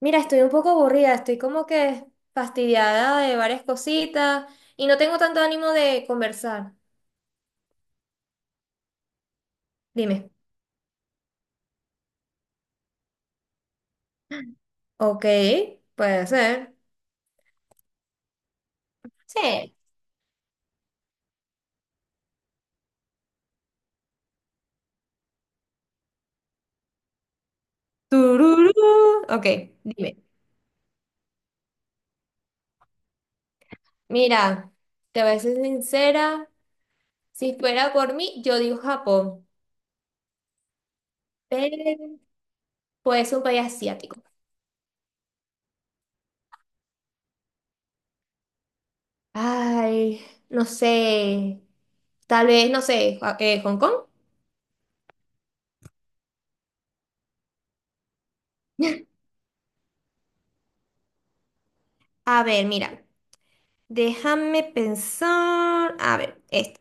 Mira, estoy un poco aburrida, estoy como que fastidiada de varias cositas y no tengo tanto ánimo de conversar. Dime. Ok, puede ser. Sí. Tururú. Ok, dime. Mira, te voy a ser sincera, si fuera por mí, yo digo Japón, pero puede ser un país asiático. Ay, no sé, tal vez, no sé, Hong Kong. A ver, mira, déjame pensar. A ver, este.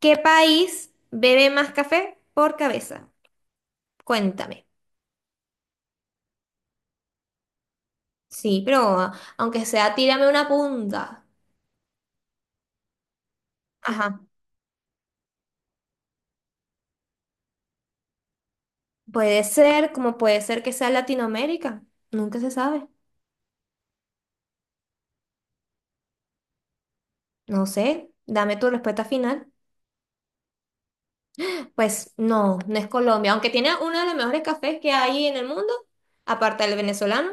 ¿Qué país bebe más café por cabeza? Cuéntame. Sí, pero aunque sea, tírame una punta. Ajá. Puede ser, como puede ser que sea Latinoamérica. Nunca se sabe. No sé. Dame tu respuesta final. Pues no, no es Colombia, aunque tiene uno de los mejores cafés que hay en el mundo, aparte del venezolano,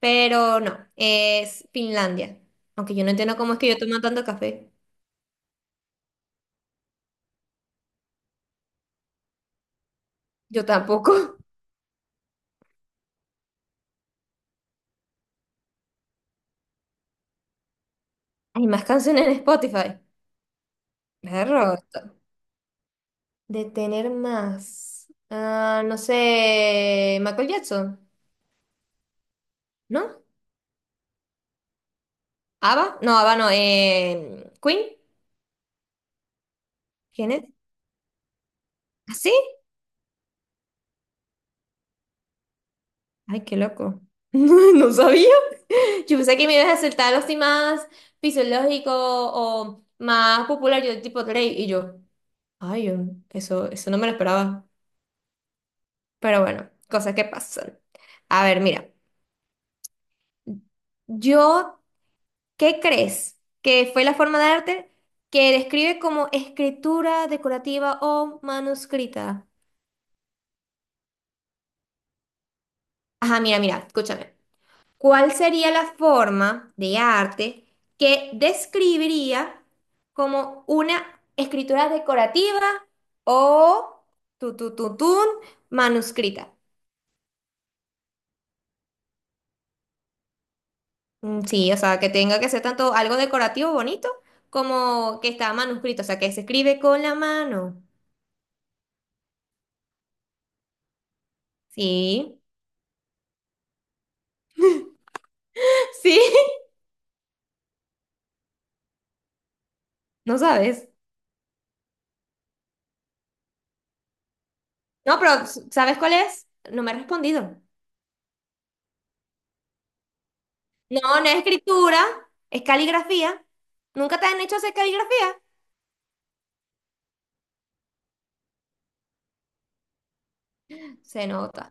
pero no, es Finlandia. Aunque yo no entiendo cómo es que yo tomo tanto café. Yo tampoco. Hay más canciones en Spotify. Perro. De tener más. Ah, no sé. Michael Jackson, ¿no? ¿Ava? No, Ava no. ¿Queen? ¿Quién es? ¿Ah, sí? Ay, qué loco. No sabía. Yo pensé que me ibas a acertar los más fisiológico o más popular, yo tipo Drake. Y yo, ay, eso no me lo esperaba. Pero bueno, cosas que pasan. A ver, mira. Yo, ¿qué crees? Que fue la forma de arte que describe como escritura decorativa o manuscrita. Ajá, mira, mira, escúchame. ¿Cuál sería la forma de arte que describiría como una escritura decorativa o tu, tu, tu, tun, manuscrita? Mm, sí, o sea, que tenga que ser tanto algo decorativo bonito como que está manuscrito, o sea, que se escribe con la mano. Sí, sí, no sabes. No, pero ¿sabes cuál es? No me has respondido. No, no es escritura, es caligrafía. ¿Nunca te han hecho hacer caligrafía? Se nota.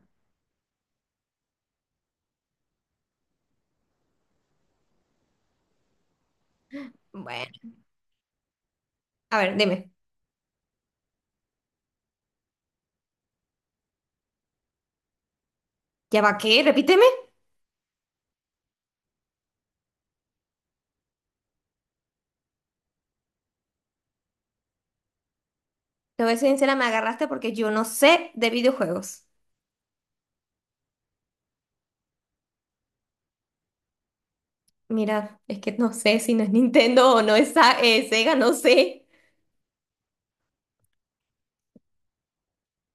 Bueno, a ver, dime. ¿Ya va qué? Repíteme. Te voy a ser sincera, me agarraste porque yo no sé de videojuegos. Mira, es que no sé si no es Nintendo o no es Sega, no sé.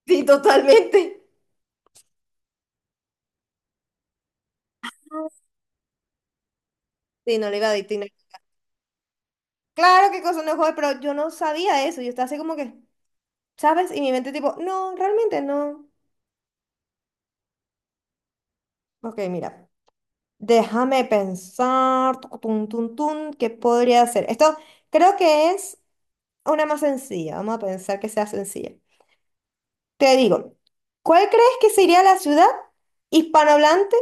Sí, totalmente. Sí, no le iba a decir. Claro que cosa no juego, pero yo no sabía eso. Yo estaba así como que. ¿Sabes? Y mi mente tipo, no, realmente no. Ok, mira, déjame pensar, tucu, tun, tun, tun, ¿qué podría hacer? Esto creo que es una más sencilla, vamos a pensar que sea sencilla. Te digo, ¿cuál crees que sería la ciudad hispanohablante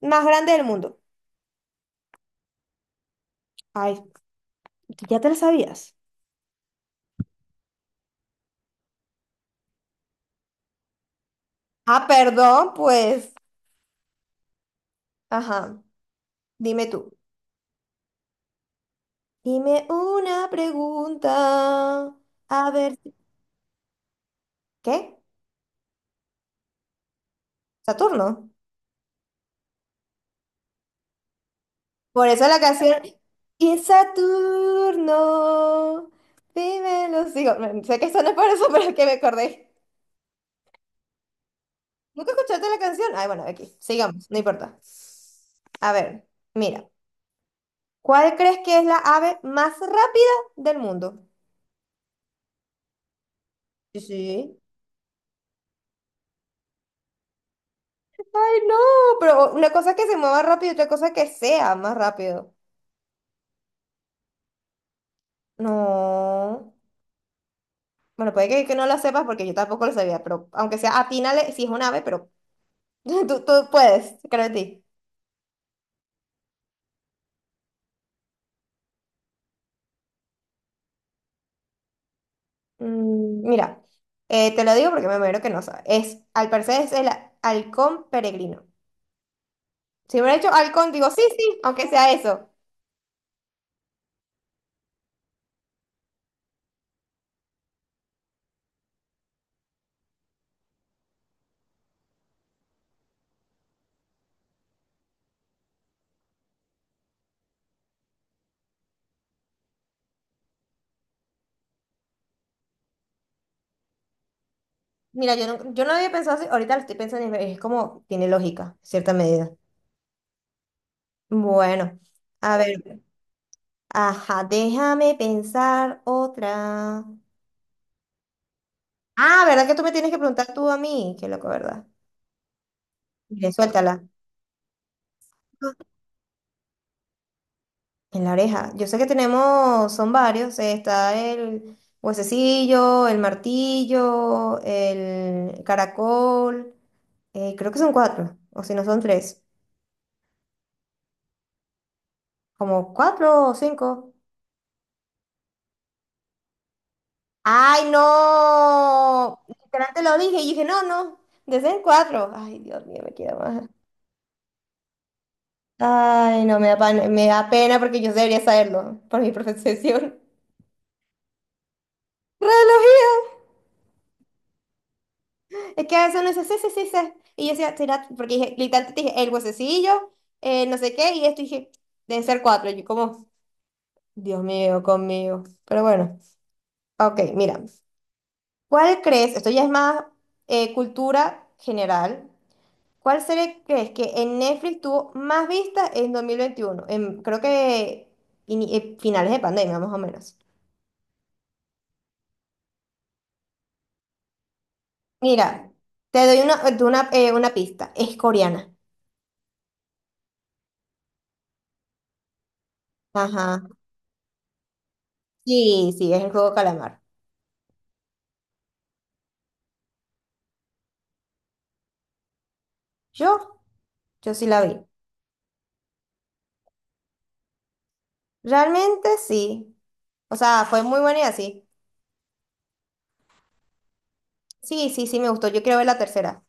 más grande del mundo? Ay, ya te lo sabías. Ah, perdón, pues, ajá, dime tú. Dime una pregunta, a ver, ¿qué? ¿Saturno? Por eso la canción Y Saturno, vive en los hijos. Bueno, sé que esto no es por eso, pero es que me acordé. ¿Nunca escuchaste la canción? Ay, bueno, aquí, sigamos, no importa. A ver, mira, ¿cuál crees que es la ave más rápida del mundo? Sí, sí. Ay, no, pero una cosa es que se mueva rápido y otra cosa es que sea más rápido. No. Bueno, puede que no lo sepas porque yo tampoco lo sabía, pero aunque sea atínale, si es un ave, pero tú puedes, creo en ti. Mira, te lo digo porque me muero que no sabe. Es, al parecer es el halcón peregrino. Si hubiera hecho halcón, digo, sí, sí, aunque sea eso. Mira, yo no había pensado así, ahorita lo estoy pensando y es como, tiene lógica, en cierta medida. Bueno, a ver, ajá, déjame pensar otra. Ah, ¿verdad que tú me tienes que preguntar tú a mí? Qué loco, ¿verdad? Mire, suéltala. En la oreja. Yo sé que tenemos, son varios. Está el huesecillo, el martillo, el caracol. Creo que son cuatro. O si no son tres. Como cuatro o cinco. ¡Ay, no! Literal te lo dije y dije, no, no. Deben cuatro. Ay, Dios mío, me queda más. Ay, no, me da pena porque yo debería saberlo por mi profesión. ¡Reloj! Es que a veces uno dice, sí, sí, sí, sí. Y yo decía, será, porque dije, literalmente te dije, el huesecillo, no sé qué, y esto y dije, deben ser cuatro. Y yo como, Dios mío, conmigo. Pero bueno, ok, mira. ¿Cuál crees? Esto ya es más cultura general. ¿Cuál serie crees que en Netflix tuvo más vistas en 2021? En, creo que finales de pandemia, más o menos. Mira, te doy una pista. Es coreana. Ajá. Sí, sí, es el juego calamar. Yo Yo sí la vi. Realmente sí. O sea, fue muy buena y así. Sí, sí, sí, me gustó. Yo quiero ver la tercera.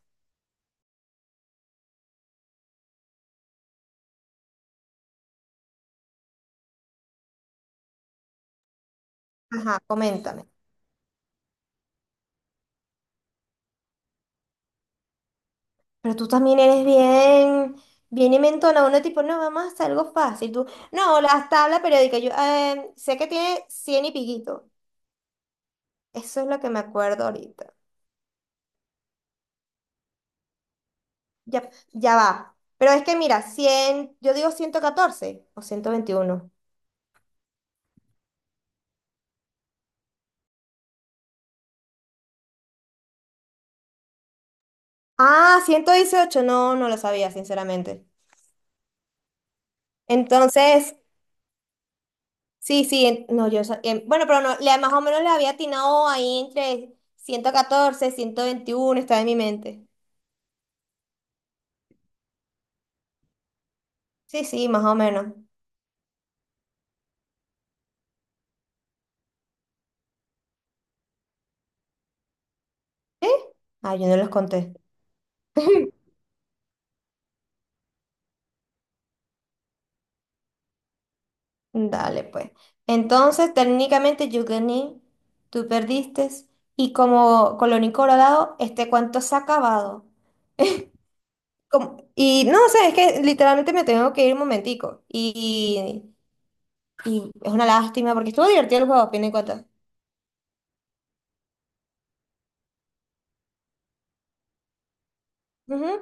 Ajá, coméntame. Pero tú también eres bien, bien inventona. Uno tipo, no, vamos a hacer algo fácil. Tú, no, las tablas periódicas. Yo sé que tiene 100 y piquito. Eso es lo que me acuerdo ahorita. Ya, ya va. Pero es que mira, 100 yo digo 114 o 121. Ah, 118. No, no lo sabía, sinceramente. Entonces, sí, sí, no, yo, bueno, pero no, más o menos le había atinado ahí entre 114, 121 está en mi mente. Sí, sí, más o menos. ¿Sí? Ah, yo no los conté. Dale, pues. Entonces, técnicamente yo gané, tú perdiste, y como colorín colorado, este cuento se ha acabado. Y no, o sea, es que literalmente me tengo que ir un momentico. Y es una lástima, porque estuvo divertido el juego, a fin de cuentas. Ujú.